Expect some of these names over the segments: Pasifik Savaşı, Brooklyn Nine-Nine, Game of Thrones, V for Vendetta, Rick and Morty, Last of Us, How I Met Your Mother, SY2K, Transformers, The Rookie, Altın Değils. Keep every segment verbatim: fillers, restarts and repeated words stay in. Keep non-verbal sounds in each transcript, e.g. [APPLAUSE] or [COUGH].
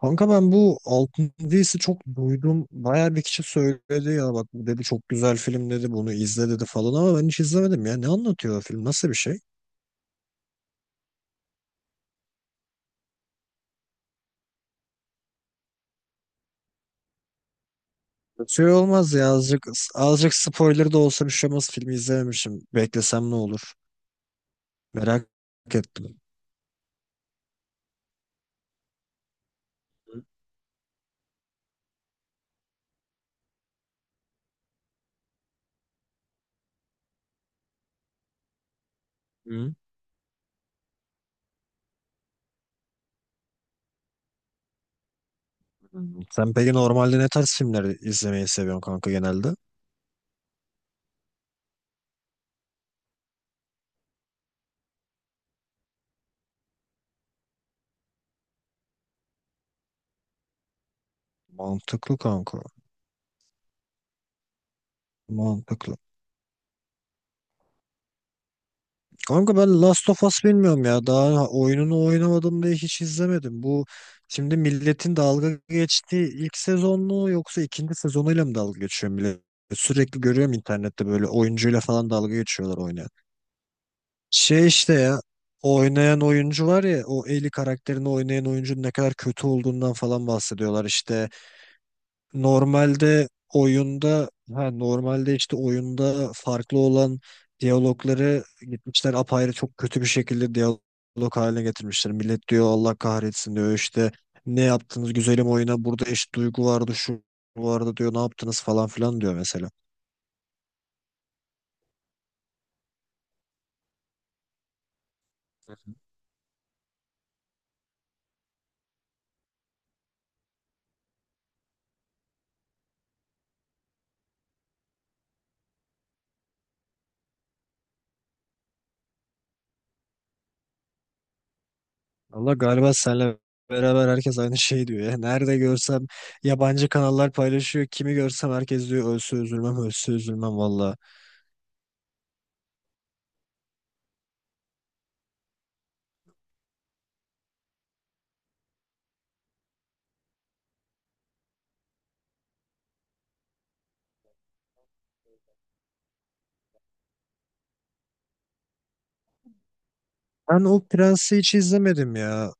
Kanka ben bu Altın Değils'i çok duydum. Bayağı bir kişi söyledi ya, bak bu dedi, çok güzel film dedi, bunu izle dedi falan ama ben hiç izlemedim ya. Ne anlatıyor o film? Nasıl bir şey? Şey olmaz ya, azıcık azıcık spoiler da olsa bir şey olmaz. Filmi izlememişim. Beklesem ne olur? Merak ettim. Hı? Hı. Sen peki normalde ne tarz filmleri izlemeyi seviyorsun kanka genelde? Mantıklı kanka. Mantıklı. Kanka ben Last of Us bilmiyorum ya. Daha oyununu oynamadım diye hiç izlemedim. Bu şimdi milletin dalga geçtiği ilk sezon mu yoksa ikinci sezonuyla mı dalga geçiyor millet? Sürekli görüyorum internette, böyle oyuncuyla falan dalga geçiyorlar oynayan. Şey işte ya, oynayan oyuncu var ya, o Ellie karakterini oynayan oyuncunun ne kadar kötü olduğundan falan bahsediyorlar işte. Normalde oyunda ha normalde işte oyunda farklı olan diyalogları gitmişler, apayrı çok kötü bir şekilde diyalog haline getirmişler. Millet diyor Allah kahretsin diyor, işte ne yaptınız güzelim oyuna, burada eşit duygu vardı şu vardı diyor, ne yaptınız falan filan diyor mesela. Allah galiba senle beraber herkes aynı şey diyor ya. Nerede görsem yabancı kanallar paylaşıyor. Kimi görsem herkes diyor ölse üzülmem, ölse üzülmem valla. Ben o Prens'i hiç izlemedim ya.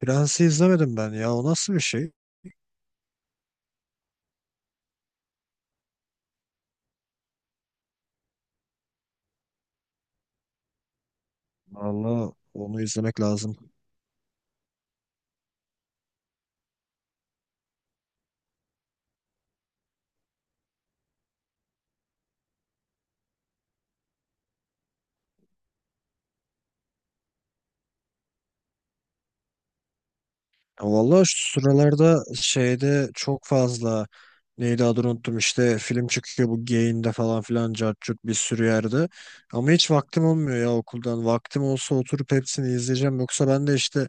Prens'i izlemedim ben ya. O nasıl bir şey? Vallahi onu izlemek lazım. Ya vallahi şu sıralarda şeyde çok fazla, neydi adını unuttum, işte film çıkıyor bu Gain'de falan filan, cart curt, bir sürü yerde. Ama hiç vaktim olmuyor ya okuldan. Vaktim olsa oturup hepsini izleyeceğim. Yoksa ben de işte,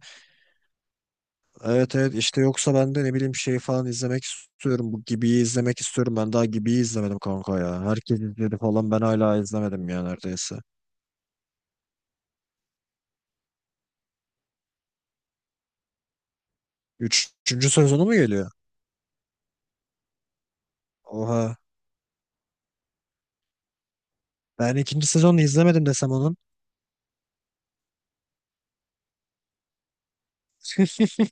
evet evet, işte yoksa ben de ne bileyim şey falan izlemek istiyorum. Bu Gibi'yi izlemek istiyorum. Ben daha Gibi'yi izlemedim kanka ya. Herkes izledi falan, ben hala izlemedim ya neredeyse. Üç- Üçüncü sezonu mu geliyor? Oha. Ben ikinci sezonu izlemedim desem onun. [LAUGHS]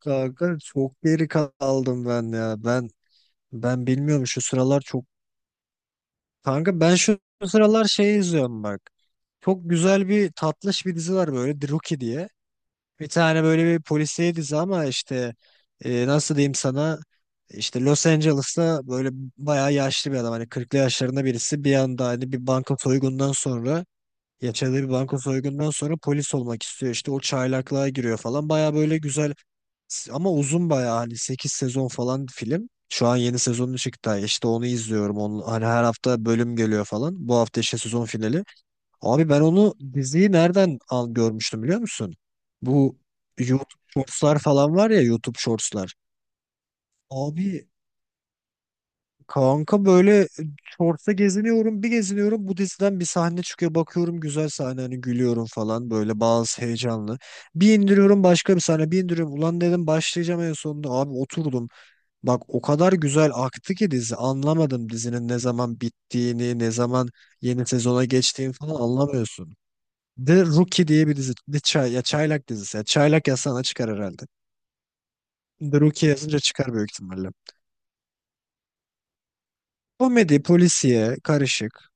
Kanka çok geri kaldım ben ya. Ben ben bilmiyorum şu sıralar çok. Kanka ben şu sıralar şey izliyorum bak. Çok güzel bir tatlış bir dizi var böyle, The Rookie diye. Bir tane böyle bir polisiye dizi ama işte, e, nasıl diyeyim sana, işte Los Angeles'ta böyle bayağı yaşlı bir adam, hani kırklı yaşlarında birisi bir anda, hani bir banka soygundan sonra, ya bir banka soygundan sonra polis olmak istiyor. İşte o çaylaklığa giriyor falan. Baya böyle güzel ama uzun, baya hani sekiz sezon falan film. Şu an yeni sezonu çıktı. İşte onu izliyorum. Onun, hani her hafta bölüm geliyor falan. Bu hafta işte sezon finali. Abi ben onu diziyi nereden al görmüştüm biliyor musun? Bu YouTube Shorts'lar falan var ya, YouTube Shorts'lar. Abi kanka böyle, e, shorts'ta geziniyorum, bir geziniyorum, bu diziden bir sahne çıkıyor, bakıyorum güzel sahne hani, gülüyorum falan, böyle bazı heyecanlı. Bir indiriyorum başka bir sahne, bir indiriyorum, ulan dedim başlayacağım en sonunda, abi oturdum. Bak o kadar güzel aktı ki dizi, anlamadım dizinin ne zaman bittiğini, ne zaman yeni sezona geçtiğini falan anlamıyorsun. The Rookie diye bir dizi. The Çay, ya Çaylak dizisi. Ya Çaylak yazsana çıkar herhalde. The Rookie yazınca çıkar büyük ihtimalle. Komedi, polisiye, karışık.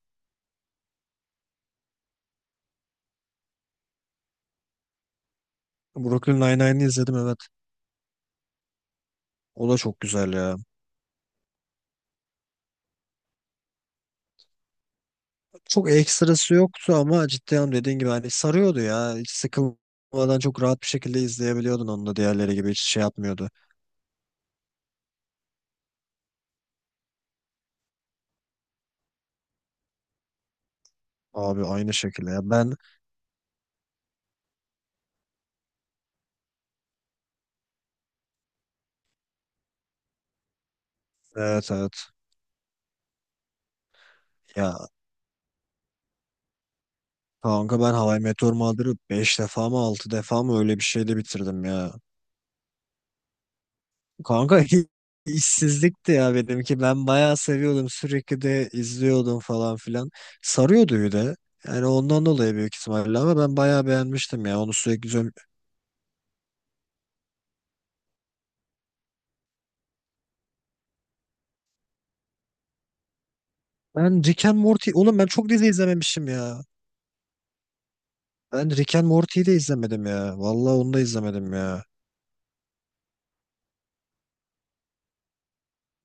Brooklyn Nine-Nine'i izledim evet. O da çok güzel ya. Çok ekstrası yoktu ama ciddi anlamda dediğin gibi hani sarıyordu ya. Hiç sıkılmadan çok rahat bir şekilde izleyebiliyordun onu da, diğerleri gibi hiç şey yapmıyordu. Abi aynı şekilde ya. Ben evet, evet. Ya kanka, ben How I Met Your Mother'ı beş defa mı altı defa mı öyle bir şeyde bitirdim ya. Kanka [LAUGHS] işsizlikti ya benimki. Ben bayağı seviyordum. Sürekli de izliyordum falan filan. Sarıyordu bir de. Yani ondan dolayı büyük ihtimalle ama ben bayağı beğenmiştim ya. Onu sürekli izliyorum. Ben Rick and Morty. Oğlum ben çok dizi izlememişim ya. Ben Rick and Morty'yi de izlemedim ya. Vallahi onu da izlemedim ya.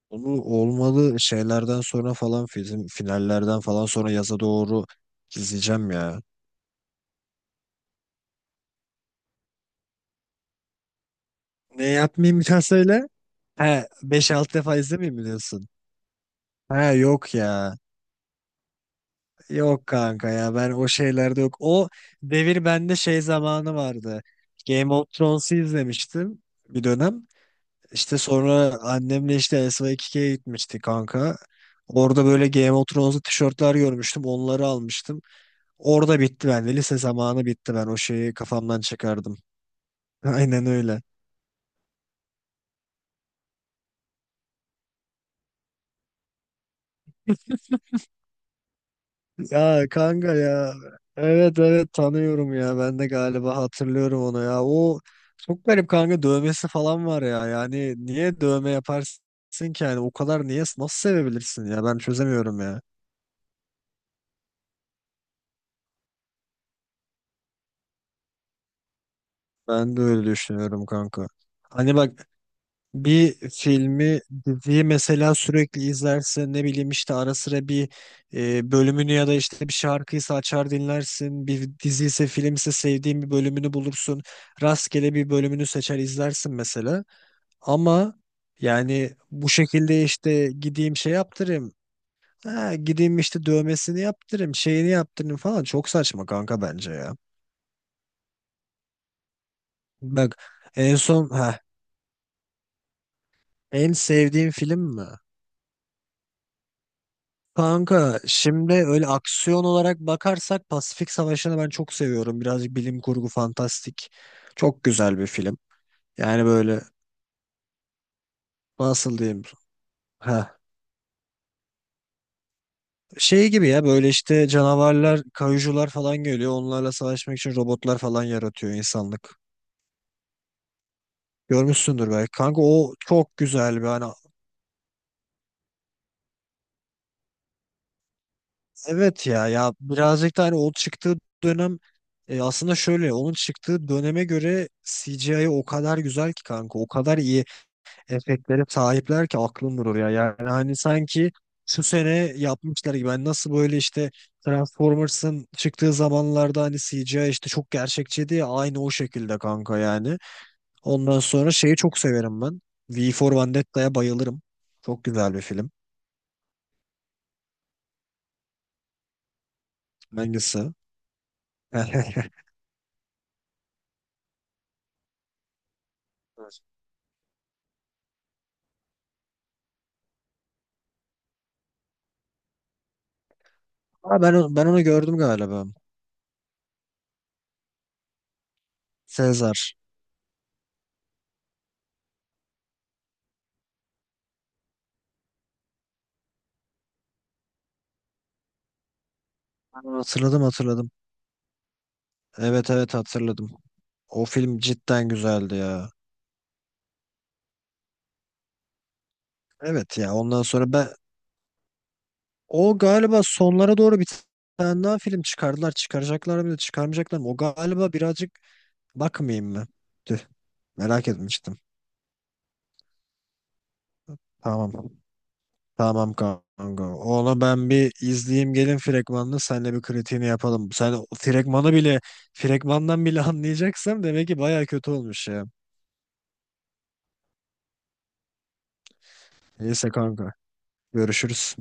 Onu olmalı şeylerden sonra falan film, finallerden falan sonra yaza doğru izleyeceğim ya. Ne yapmayayım bir daha söyle. He beş altı defa izlemeyeyim mi diyorsun? He yok ya. Yok kanka ya, ben o şeylerde yok. O devir bende şey zamanı vardı. Game of Thrones'u izlemiştim bir dönem. İşte sonra annemle işte S Y iki K'ye gitmiştik kanka. Orada böyle Game of Thrones'lu tişörtler görmüştüm. Onları almıştım. Orada bitti bende. Lise zamanı bitti ben. O şeyi kafamdan çıkardım. [LAUGHS] Aynen öyle. Ya kanka ya. Evet evet, tanıyorum ya. Ben de galiba hatırlıyorum onu ya. O çok garip kanka, dövmesi falan var ya. Yani niye dövme yaparsın ki yani? O kadar niye, nasıl sevebilirsin ya? Ben çözemiyorum ya. Ben de öyle düşünüyorum kanka. Hani bak, bir filmi, diziyi mesela sürekli izlersin. Ne bileyim işte ara sıra bir e, bölümünü ya da işte bir şarkıysa açar dinlersin. Bir dizi ise film ise sevdiğin bir bölümünü bulursun. Rastgele bir bölümünü seçer izlersin mesela. Ama yani bu şekilde, işte gideyim şey yaptırayım. Ha, gideyim işte dövmesini yaptırayım, şeyini yaptırayım falan. Çok saçma kanka bence ya. Bak en son, ha en sevdiğim film mi? Kanka şimdi, öyle aksiyon olarak bakarsak, Pasifik Savaşı'nı ben çok seviyorum. Birazcık bilim kurgu fantastik. Çok güzel bir film. Yani böyle nasıl diyeyim? Ha. Şey gibi ya, böyle işte canavarlar, kayucular falan geliyor. Onlarla savaşmak için robotlar falan yaratıyor insanlık. Görmüşsündür belki. Kanka o çok güzel bir hani, evet ya ya birazcık da hani o çıktığı dönem, e, aslında şöyle onun çıktığı döneme göre C G I o kadar güzel ki kanka, o kadar iyi efektlere sahipler ki aklım durur ya. Yani hani sanki şu sene yapmışlar gibi. Ben nasıl böyle işte Transformers'ın çıktığı zamanlarda hani C G I işte çok gerçekçiydi ya, aynı o şekilde kanka yani. Ondan sonra şeyi çok severim ben. V for Vendetta'ya bayılırım. Çok güzel bir film. Hangisi? [LAUGHS] Aa, ben, onu- ben onu gördüm galiba. Sezar. Ben onu Hatırladım hatırladım. Evet evet hatırladım. O film cidden güzeldi ya. Evet ya ondan sonra ben. O galiba sonlara doğru bir tane daha film çıkardılar. Çıkaracaklar mı çıkarmayacaklar mı? O galiba birazcık bakmayayım mı? Tüh, merak etmiştim. Tamam. Tamam kanka. Onu ben bir izleyeyim, gelin fragmanını senle bir kritiğini yapalım. Sen o fragmanı bile, fragmandan bile [LAUGHS] anlayacaksam demek ki baya kötü olmuş ya. Neyse kanka. Görüşürüz.